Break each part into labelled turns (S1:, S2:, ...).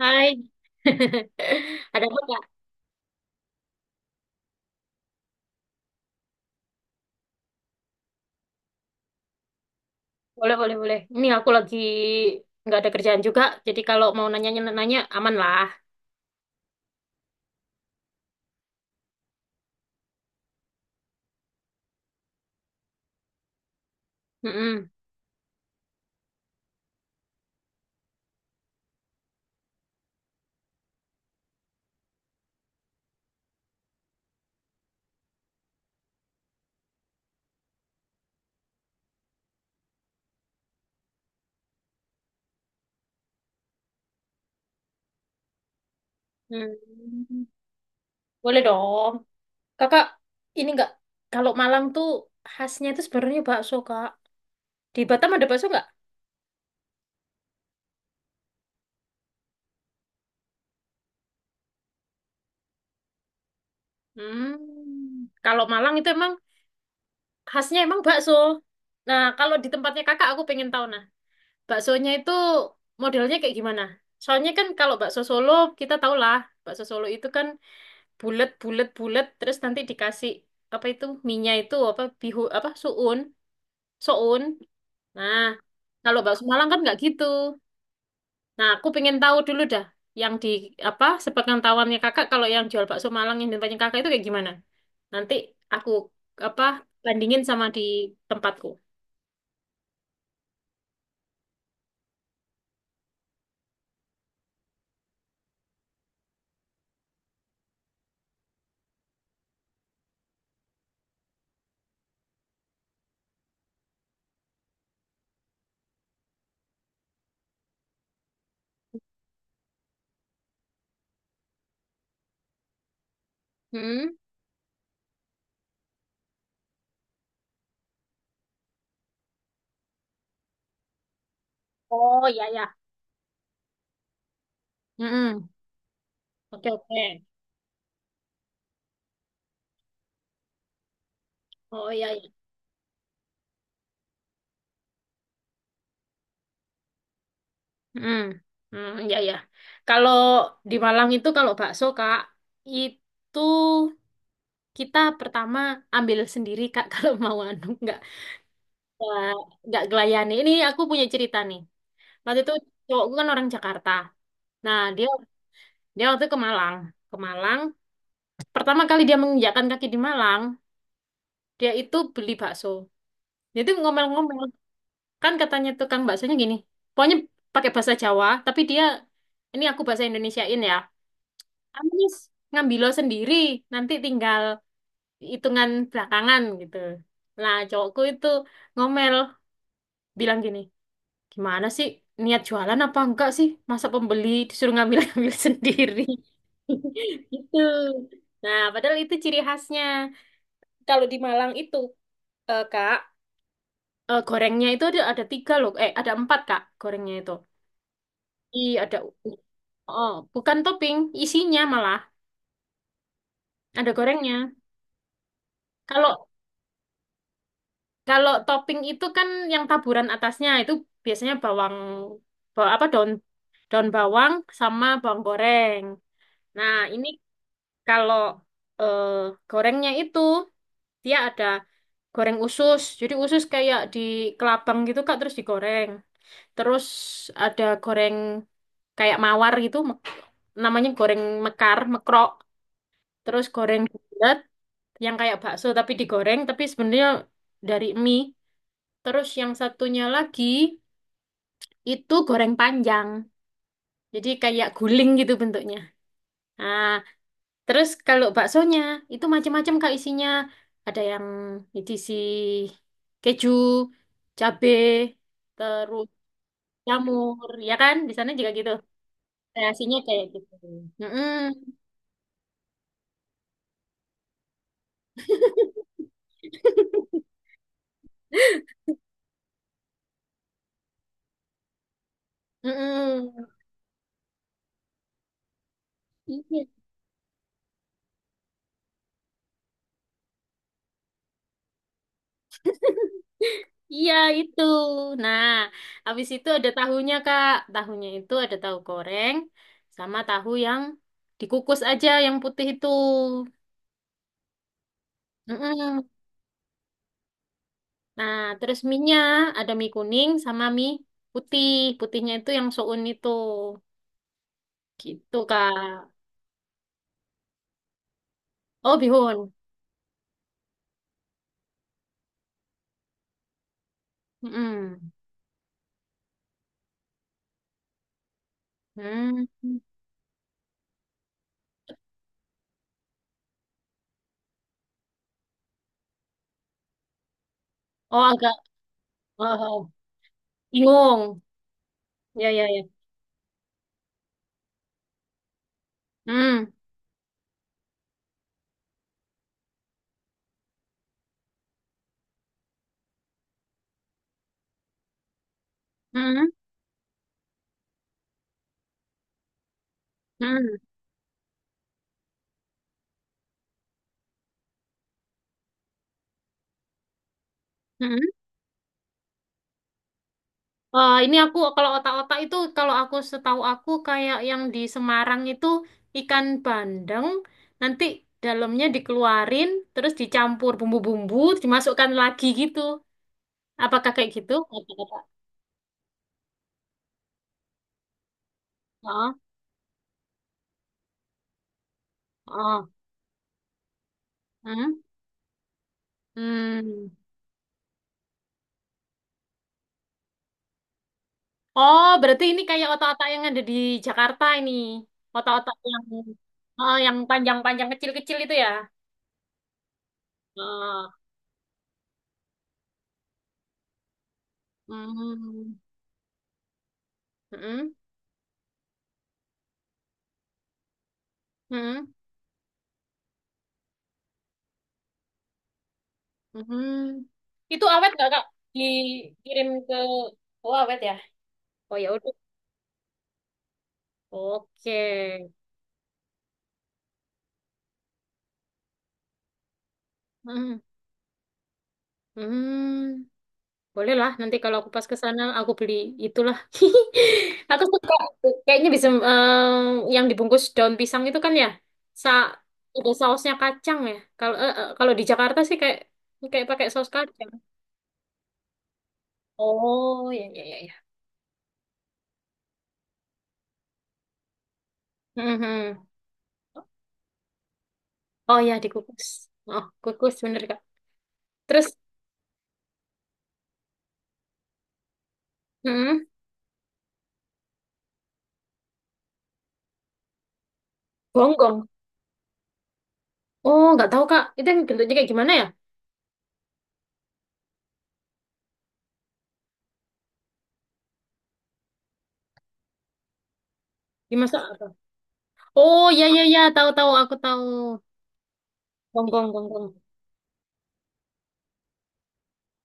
S1: Hai, ada apa Kak? Boleh, boleh, boleh. Ini aku lagi nggak ada kerjaan juga, jadi kalau mau nanya-nanya aman lah. Mm-mm. Hmm. Boleh dong. Kakak, ini nggak, kalau Malang tuh khasnya itu sebenarnya bakso, Kak. Di Batam ada bakso nggak? Hmm. Kalau Malang itu emang khasnya emang bakso. Nah, kalau di tempatnya kakak, aku pengen tahu nah, baksonya itu modelnya kayak gimana? Soalnya kan kalau bakso Solo, kita tahu lah, bakso Solo itu kan bulat bulat bulat terus nanti dikasih apa itu minyak itu apa bihu apa suun soun nah kalau bakso Malang kan nggak gitu. Nah, aku pengen tahu dulu dah yang di apa sepengetahuannya kakak kalau yang jual bakso Malang yang di tempatnya kakak itu kayak gimana, nanti aku apa bandingin sama di tempatku. Mm-mm. Oh ya ya. Mm-mm. Oke oke. Oh ya ya. Mm. Mm, iya ya, kalau di Malang itu kalau bakso kak itu kita pertama ambil sendiri Kak, kalau mau anu nggak nggak gelayani. Ini aku punya cerita nih. Waktu itu cowokku kan orang Jakarta. Nah dia dia waktu ke Malang, ke Malang. Pertama kali dia menginjakkan kaki di Malang, dia itu beli bakso. Dia itu ngomel-ngomel, kan katanya tukang baksonya gini. Pokoknya pakai bahasa Jawa, tapi dia, ini aku bahasa Indonesiain ya. Amis, ngambil lo sendiri, nanti tinggal hitungan belakangan gitu. Nah, cowokku itu ngomel bilang gini, gimana sih niat jualan apa enggak sih? Masa pembeli disuruh ngambil-ngambil sendiri? Gitu. Nah, padahal itu ciri khasnya. Kalau di Malang itu, Kak, gorengnya itu ada tiga loh. Eh, ada empat, Kak, gorengnya itu. I, ada, oh, bukan topping, isinya malah. Ada gorengnya. Kalau kalau topping itu kan yang taburan atasnya itu biasanya bawang, apa daun, daun bawang sama bawang goreng. Nah, ini. Kalau eh, gorengnya itu dia ada goreng usus. Jadi usus kayak di kelabang gitu Kak terus digoreng. Terus ada goreng kayak mawar gitu namanya goreng mekar, mekrok. Terus goreng bulat yang kayak bakso tapi digoreng tapi sebenarnya dari mie. Terus yang satunya lagi itu goreng panjang. Jadi kayak guling gitu bentuknya. Nah, terus kalau baksonya itu macam-macam Kak isinya. Ada yang diisi keju, cabe, terus jamur, ya kan? Di sana juga gitu. Kreasinya kayak gitu. Mm-mm, mm-mm. Iya, iya itu. Nah, habis itu ada tahunya Kak. Tahunya itu ada tahu goreng sama tahu yang dikukus aja yang putih itu. Mm-mm. Nah, terus mie-nya ada mie kuning sama mie putih. Putihnya itu yang soun itu. Gitu, Kak. Oh, bihun. Mm-mm. Hmm. Oh, agak oh, oh, bingung. Ya, ya, ya. Hmm. Hmm. Hmm. Hmm. Eh, ini aku kalau otak-otak itu kalau aku setahu aku kayak yang di Semarang itu ikan bandeng nanti dalamnya dikeluarin terus dicampur bumbu-bumbu dimasukkan lagi gitu. Apakah kayak gitu? Otak-otak. Oh, hmm? Hmm. Oh, berarti ini kayak otak-otak yang ada di Jakarta ini. Otak-otak yang oh, yang panjang-panjang kecil-kecil itu ya. Oh. Hmm. Hmm. Hmm. Hmm. Itu awet nggak, Kak? Dikirim ke. Oh, awet ya. Oh, ya udah. Oke. Hmm. Hmm. Boleh lah, nanti kalau aku pas ke sana aku beli itulah. Aku suka kayaknya bisa em, yang dibungkus daun pisang itu kan ya. Sa, ada sausnya kacang ya. Kalau kalau di Jakarta sih kayak kayak pakai saus kacang. Oh, ya ya ya ya. Mhm. Oh ya dikukus. Oh, kukus bener Kak. Terus mhm, gonggong. Oh, nggak tahu Kak. Itu yang bentuknya kayak gimana ya? Dimasak apa? Oh, ya ya ya, tahu tahu aku tahu. Gonggong gonggong.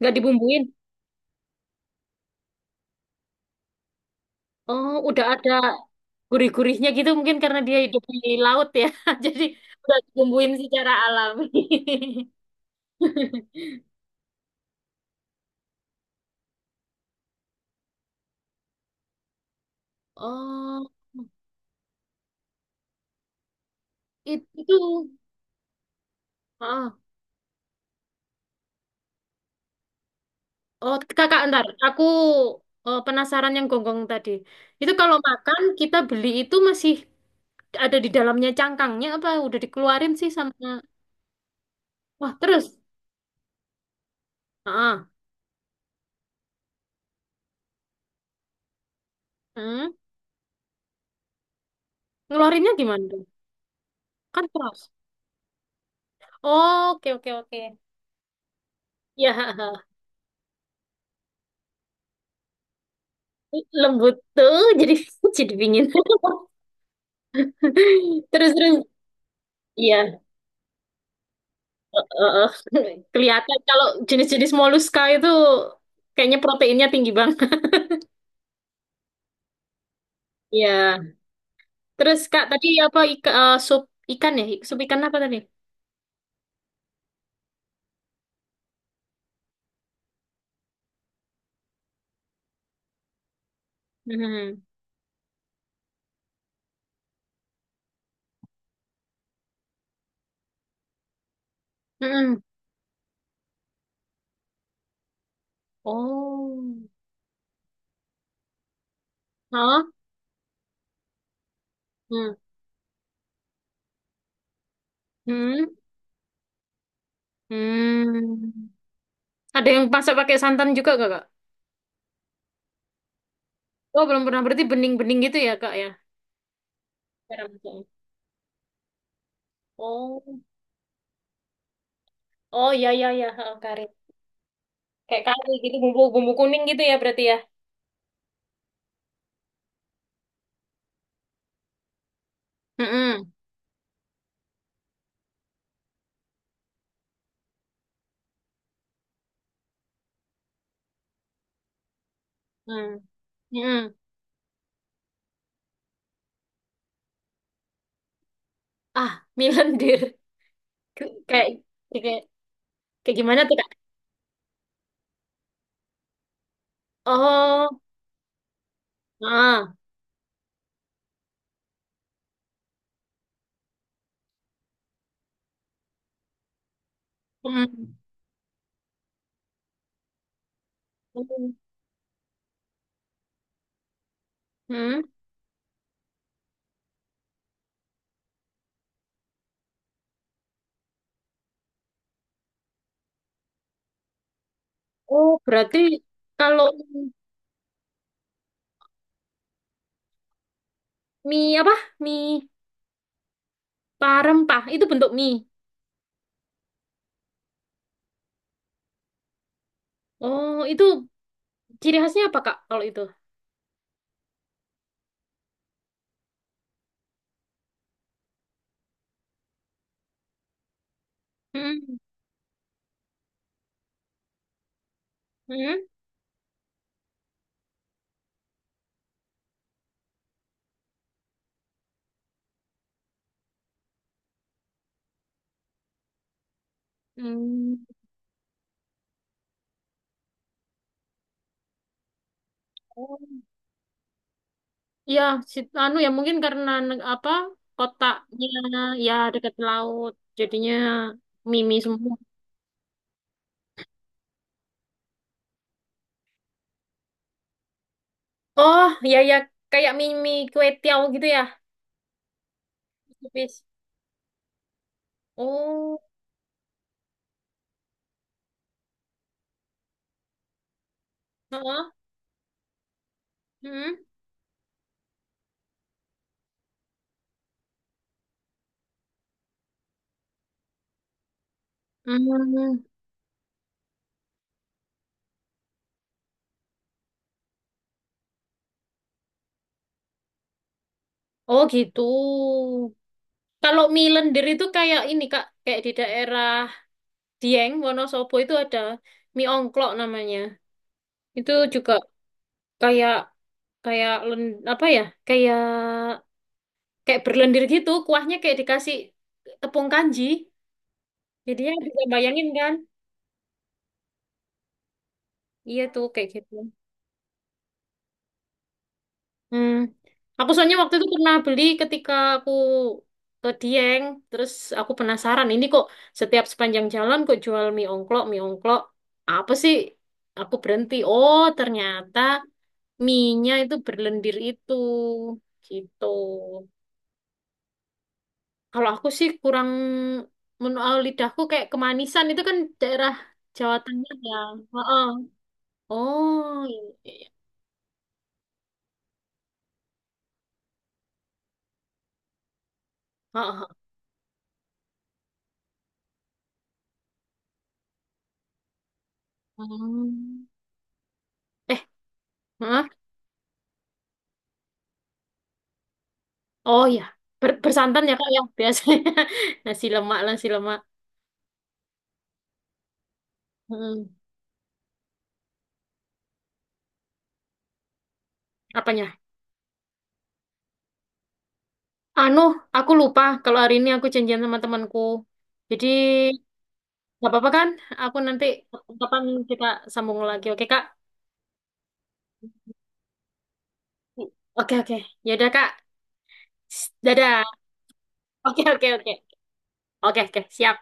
S1: Nggak dibumbuin. Oh, udah ada gurih-gurihnya gitu mungkin karena dia hidup di laut ya. Jadi udah dibumbuin secara alami. Oh, itu. Oh, oh, kakak ntar, aku penasaran yang gonggong tadi. Itu kalau makan kita beli itu masih ada di dalamnya cangkangnya apa udah dikeluarin sih sama wah terus ah hmm. Ngeluarinnya gimana tuh? Kan keras. Oh, oke oke oke ya. Lembut tuh jadi jadi dingin. Terus terus iya eh, eh, eh. Kelihatan kalau jenis-jenis moluska itu kayaknya proteinnya tinggi banget. Iya. Terus Kak tadi apa sup ikan ya? Sup ikan apa tadi? Hmm. Hmm. Oh. Hah? Hmm. Hmm. Hmm. Ada yang masak pakai santan juga gak, Kak? Oh, belum pernah. Berarti bening-bening gitu ya, Kak, ya? Cara masaknya. Oh. Oh, iya, iya, iya. Ha, Kari. Kayak kari gitu, bumbu, bumbu kuning gitu ya berarti ya? Hmm. Hmm. Hmm. Hmm. Ah, mie lendir. Kayak ya kayak kayak gimana tuh, Kak? Oh, ah. Hmm. Hmm. Hmm. Oh, berarti kalau mie apa? Mie parempah itu bentuk mie. Oh, itu ciri khasnya apa, Kak, kalau itu? Hmm. Hmm. Hmm. Oh. Ya anu ya mungkin karena apa? Kotaknya ya dekat laut. Jadinya mimi semua. Oh, ya ya kayak mimi kue tiaw gitu ya. Tipis. Oh, heeh. Hmm. Hmm. Oh gitu. Kalau mie lendir itu kayak ini Kak, kayak di daerah Dieng, Wonosobo itu ada mie ongklok namanya. Itu juga kayak kayak len, apa ya? Kayak kayak berlendir gitu, kuahnya kayak dikasih tepung kanji. Jadi ya bisa bayangin kan? Iya tuh kayak gitu. Hmm. Aku soalnya waktu itu pernah beli ketika aku ke Dieng, terus aku penasaran ini kok setiap sepanjang jalan kok jual mie ongklok. Apa sih? Aku berhenti. Oh, ternyata mie-nya itu berlendir itu. Gitu. Kalau aku sih kurang menurut lidahku kayak kemanisan itu kan daerah Jawa Tengah ya. Heeh. Oh, iya. Iya. Iya. Heeh. Hmm. Eh, heeh. Oh ya, bersantan ya Kak yang biasanya nasi lemak. Hmm. Apanya? Anu, aku lupa kalau hari ini aku janjian sama temanku. Jadi nggak apa-apa kan? Aku nanti kapan kita sambung lagi. Oke Kak? Oke oke. Ya udah Kak. Dadah. Oke oke oke. Oke oke siap.